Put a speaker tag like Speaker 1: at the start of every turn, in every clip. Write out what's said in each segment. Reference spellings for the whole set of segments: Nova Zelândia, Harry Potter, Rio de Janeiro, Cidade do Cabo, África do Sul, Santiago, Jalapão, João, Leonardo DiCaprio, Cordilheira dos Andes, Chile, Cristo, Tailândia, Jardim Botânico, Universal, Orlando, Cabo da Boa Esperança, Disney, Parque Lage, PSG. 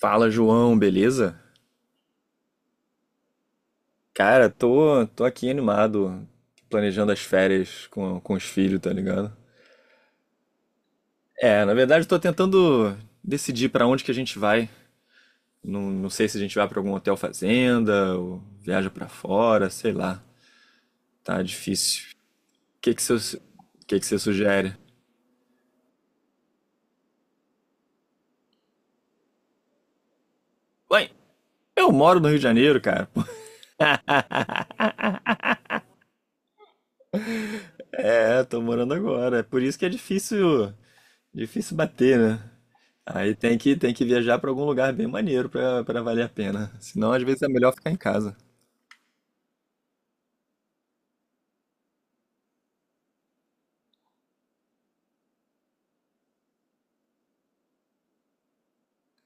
Speaker 1: Fala, João, beleza? Cara, tô aqui animado, planejando as férias com os filhos, tá ligado? É, na verdade, tô tentando decidir pra onde que a gente vai. Não, não sei se a gente vai pra algum hotel fazenda, ou viaja pra fora, sei lá. Tá difícil. O que que você, Que você sugere? Ué, eu moro no Rio de Janeiro, cara. É, tô morando agora. É por isso que é difícil. Difícil bater, né? Aí tem que viajar pra algum lugar bem maneiro pra valer a pena. Senão, às vezes, é melhor ficar em casa.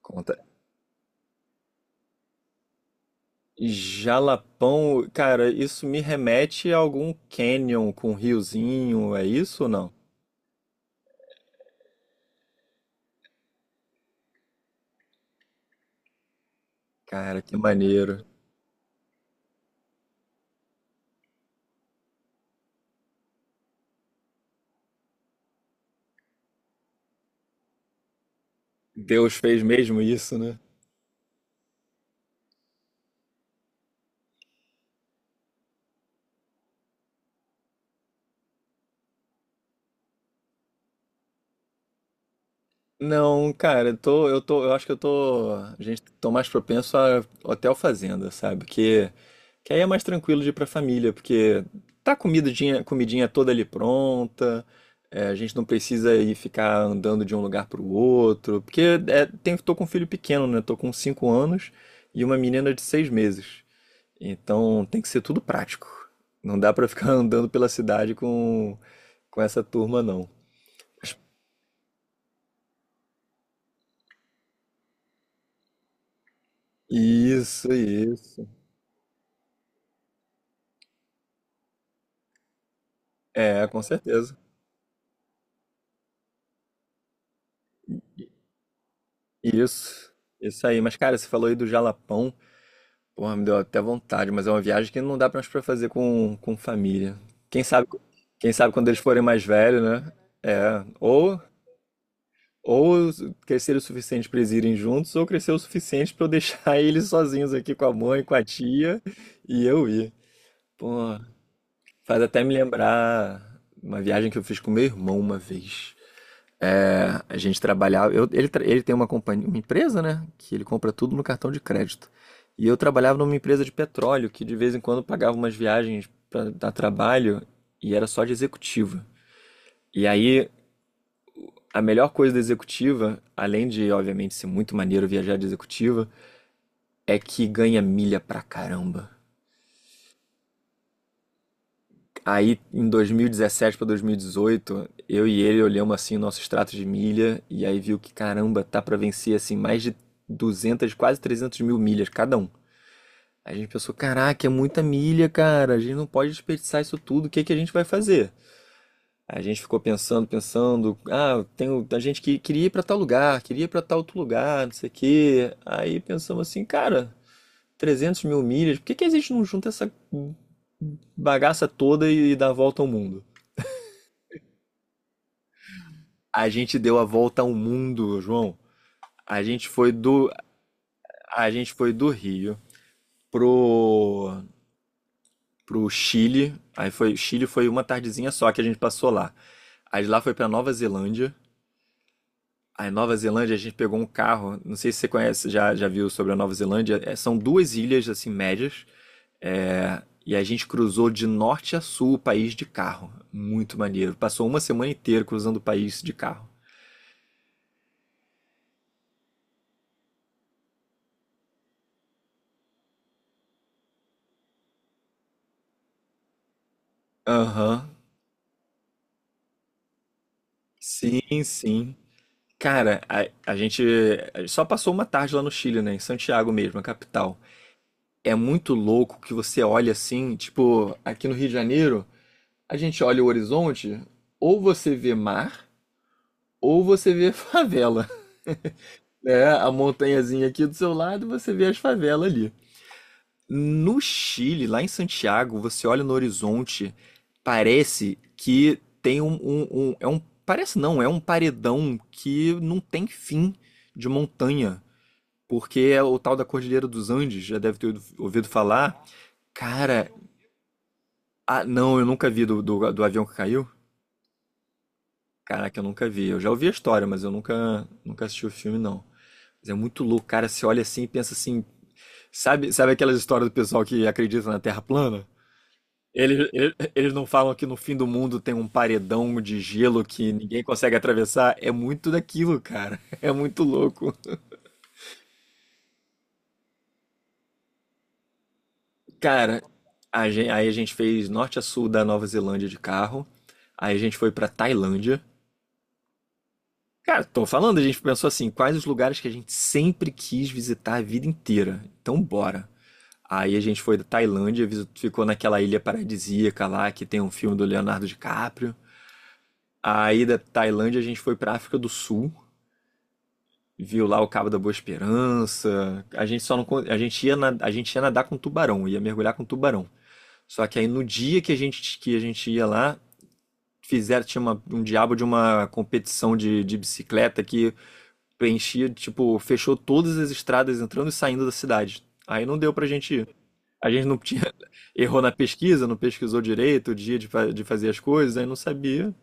Speaker 1: Conta. Jalapão, cara, isso me remete a algum canyon com riozinho, é isso ou não? Cara, que maneiro. Deus fez mesmo isso, né? Não, cara, eu acho que a gente tô mais propenso a hotel fazenda, sabe? Que aí é mais tranquilo de ir pra família, porque tá a comidinha toda ali pronta. É, a gente não precisa ir ficar andando de um lugar pro outro, porque tô com um filho pequeno, né? Tô com 5 anos e uma menina de 6 meses. Então tem que ser tudo prático. Não dá pra ficar andando pela cidade com essa turma, não. Isso, isso. É, com certeza. Isso. Isso aí. Mas, cara, você falou aí do Jalapão. Porra, me deu até vontade, mas é uma viagem que não dá mais pra fazer com família. Quem sabe, quem sabe quando eles forem mais velhos, né? É. Ou crescer o suficiente pra eles irem juntos, ou crescer o suficiente pra eu deixar eles sozinhos aqui com a mãe, com a tia e eu ir. Pô, faz até me lembrar uma viagem que eu fiz com meu irmão uma vez. A gente trabalhava. Ele, ele tem uma companhia, uma empresa, né? Que ele compra tudo no cartão de crédito. E eu trabalhava numa empresa de petróleo que de vez em quando pagava umas viagens para dar trabalho e era só de executiva. E aí a melhor coisa da executiva, além de obviamente ser muito maneiro viajar de executiva, é que ganha milha pra caramba. Aí, em 2017 para 2018, eu e ele olhamos assim o nosso extrato de milha e aí viu que, caramba, tá para vencer assim mais de 200, quase 300 mil milhas cada um. A gente pensou, caraca, é muita milha, cara, a gente não pode desperdiçar isso tudo, o que que a gente vai fazer? A gente ficou pensando, pensando, ah, tem a gente que queria ir para tal lugar, queria ir para tal outro lugar, não sei o quê. Aí pensamos assim, cara, 300 mil milhas, por que que a gente não junta essa bagaça toda e dá a volta ao mundo? A gente deu a volta ao mundo, João. A gente foi do, a gente foi do Rio pro, pro Chile. Chile foi uma tardezinha só que a gente passou lá. Aí de lá foi pra Nova Zelândia. Aí Nova Zelândia a gente pegou um carro. Não sei se você conhece, já viu sobre a Nova Zelândia. É, são duas ilhas assim médias. É, e a gente cruzou de norte a sul o país de carro. Muito maneiro. Passou uma semana inteira cruzando o país de carro. Aham. Sim, sim. Cara, a gente só passou uma tarde lá no Chile, né? Em Santiago mesmo, a capital. É muito louco que você olha assim, tipo, aqui no Rio de Janeiro, a gente olha o horizonte, ou você vê mar, ou você vê favela, né? A montanhazinha aqui do seu lado, você vê as favelas ali. No Chile, lá em Santiago, você olha no horizonte, parece que tem é um, parece não, é um paredão que não tem fim de montanha. Porque é o tal da Cordilheira dos Andes, já deve ter ouvido falar. Cara, ah, não, eu nunca vi do avião que caiu. Caraca, eu nunca vi. Eu já ouvi a história, mas eu nunca, nunca assisti o filme, não. Mas é muito louco, cara. Você olha assim e pensa assim. Sabe aquelas histórias do pessoal que acredita na Terra plana? Eles não falam que no fim do mundo tem um paredão de gelo que ninguém consegue atravessar. É muito daquilo, cara. É muito louco. Cara, aí a gente fez norte a sul da Nova Zelândia de carro. Aí a gente foi pra Tailândia. Cara, tô falando, a gente pensou assim, quais os lugares que a gente sempre quis visitar a vida inteira? Então bora. Aí a gente foi da Tailândia, ficou naquela ilha paradisíaca lá que tem um filme do Leonardo DiCaprio. Aí da Tailândia a gente foi pra África do Sul, viu lá o Cabo da Boa Esperança. A gente só não, con- A gente ia nadar com tubarão, ia mergulhar com tubarão. Só que aí no dia que a gente ia lá, tinha um diabo de uma competição de bicicleta que tipo, fechou todas as estradas entrando e saindo da cidade. Aí não deu pra gente ir. A gente não tinha, errou na pesquisa, não pesquisou direito o dia de fazer as coisas, aí não sabia.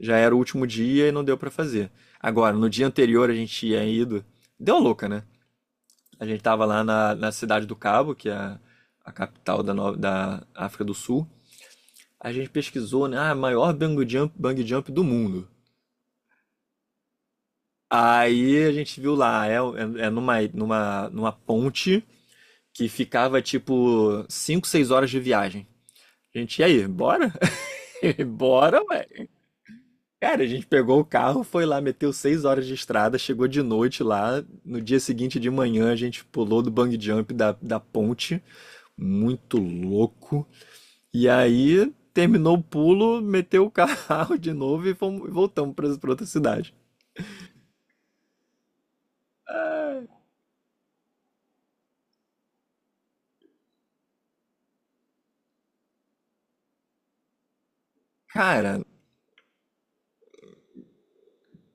Speaker 1: Já era o último dia e não deu pra fazer. Agora, no dia anterior a gente tinha ido. Deu a louca, né? A gente tava lá na Cidade do Cabo, que é a capital da, no- da África do Sul. A gente pesquisou, né? Ah, maior bungee jump do mundo. Aí a gente viu lá, numa ponte que ficava tipo 5 6 horas de viagem. E aí, bora? Bora, ué. Cara, a gente pegou o carro, foi lá, meteu 6 horas de estrada, chegou de noite lá. No dia seguinte de manhã, a gente pulou do bungee jump da ponte, muito louco. E aí, terminou o pulo, meteu o carro de novo e fomos, voltamos para outra cidade. Ah, Cara,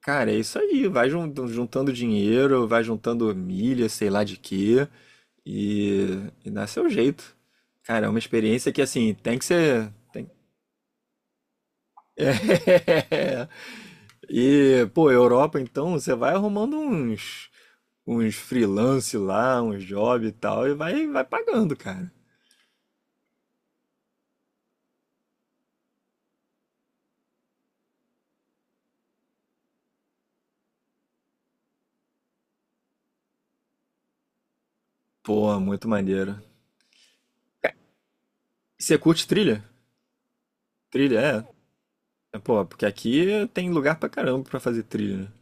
Speaker 1: Cara, é isso aí. Vai juntando dinheiro, vai juntando milha, sei lá de quê, e, e dá seu jeito. Cara, é uma experiência que assim, tem que ser. E, pô, Europa, então, você vai arrumando uns freelance lá, uns job e tal, e vai pagando, cara. Pô, muito maneiro. E você curte trilha? Trilha, é. É, pô, porque aqui tem lugar pra caramba pra fazer trilha, né?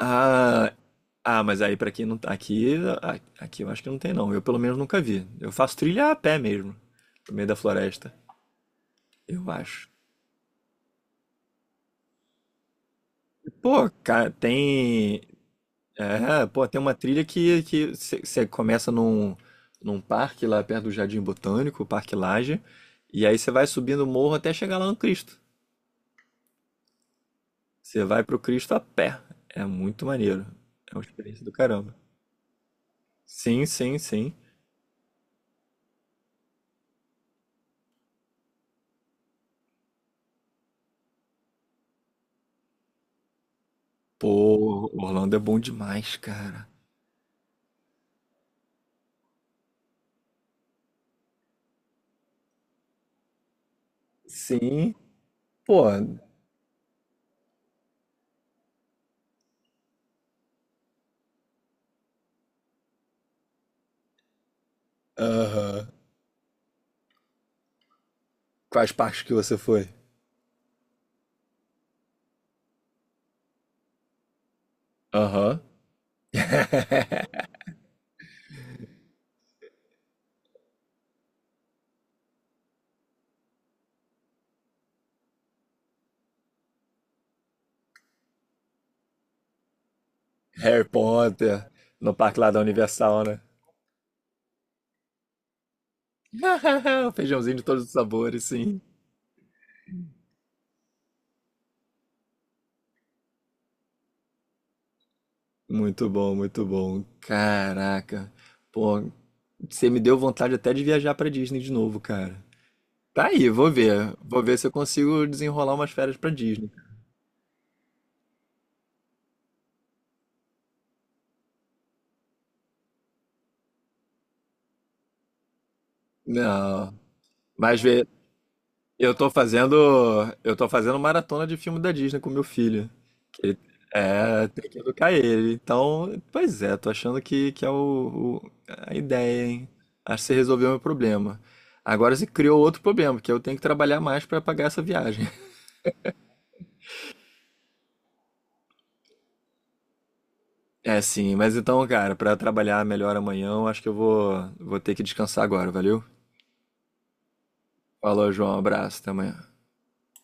Speaker 1: Ah, ah, mas aí pra quem não tá aqui, a- aqui eu acho que não tem não. Eu pelo menos nunca vi. Eu faço trilha a pé mesmo, no meio da floresta, eu acho. Pô, cara, tem uma trilha que você começa num parque lá perto do Jardim Botânico, o Parque Lage, e aí você vai subindo o morro até chegar lá no Cristo. Você vai pro Cristo a pé. É muito maneiro. É uma experiência do caramba. Sim, sim, sim. Pô, Orlando é bom demais, cara. Sim, pô. Aham. Quais parques que você foi? Aham. Harry Potter, no parque lá da Universal, né? O Feijãozinho de todos os sabores, sim. Muito bom, muito bom. Caraca. Pô, você me deu vontade até de viajar pra Disney de novo, cara. Tá aí, vou ver. Vou ver se eu consigo desenrolar umas férias pra Disney. Não, mas vê, eu tô fazendo, eu tô fazendo maratona de filme da Disney com meu filho. Ele- É, tem que educar ele. Então, pois é, tô achando que é a ideia, hein? Acho que você resolveu meu problema. Agora se criou outro problema, que eu tenho que trabalhar mais para pagar essa viagem. É, sim, mas então, cara, para trabalhar melhor amanhã, eu acho que eu vou ter que descansar agora, valeu? Falou, João, abraço, até amanhã.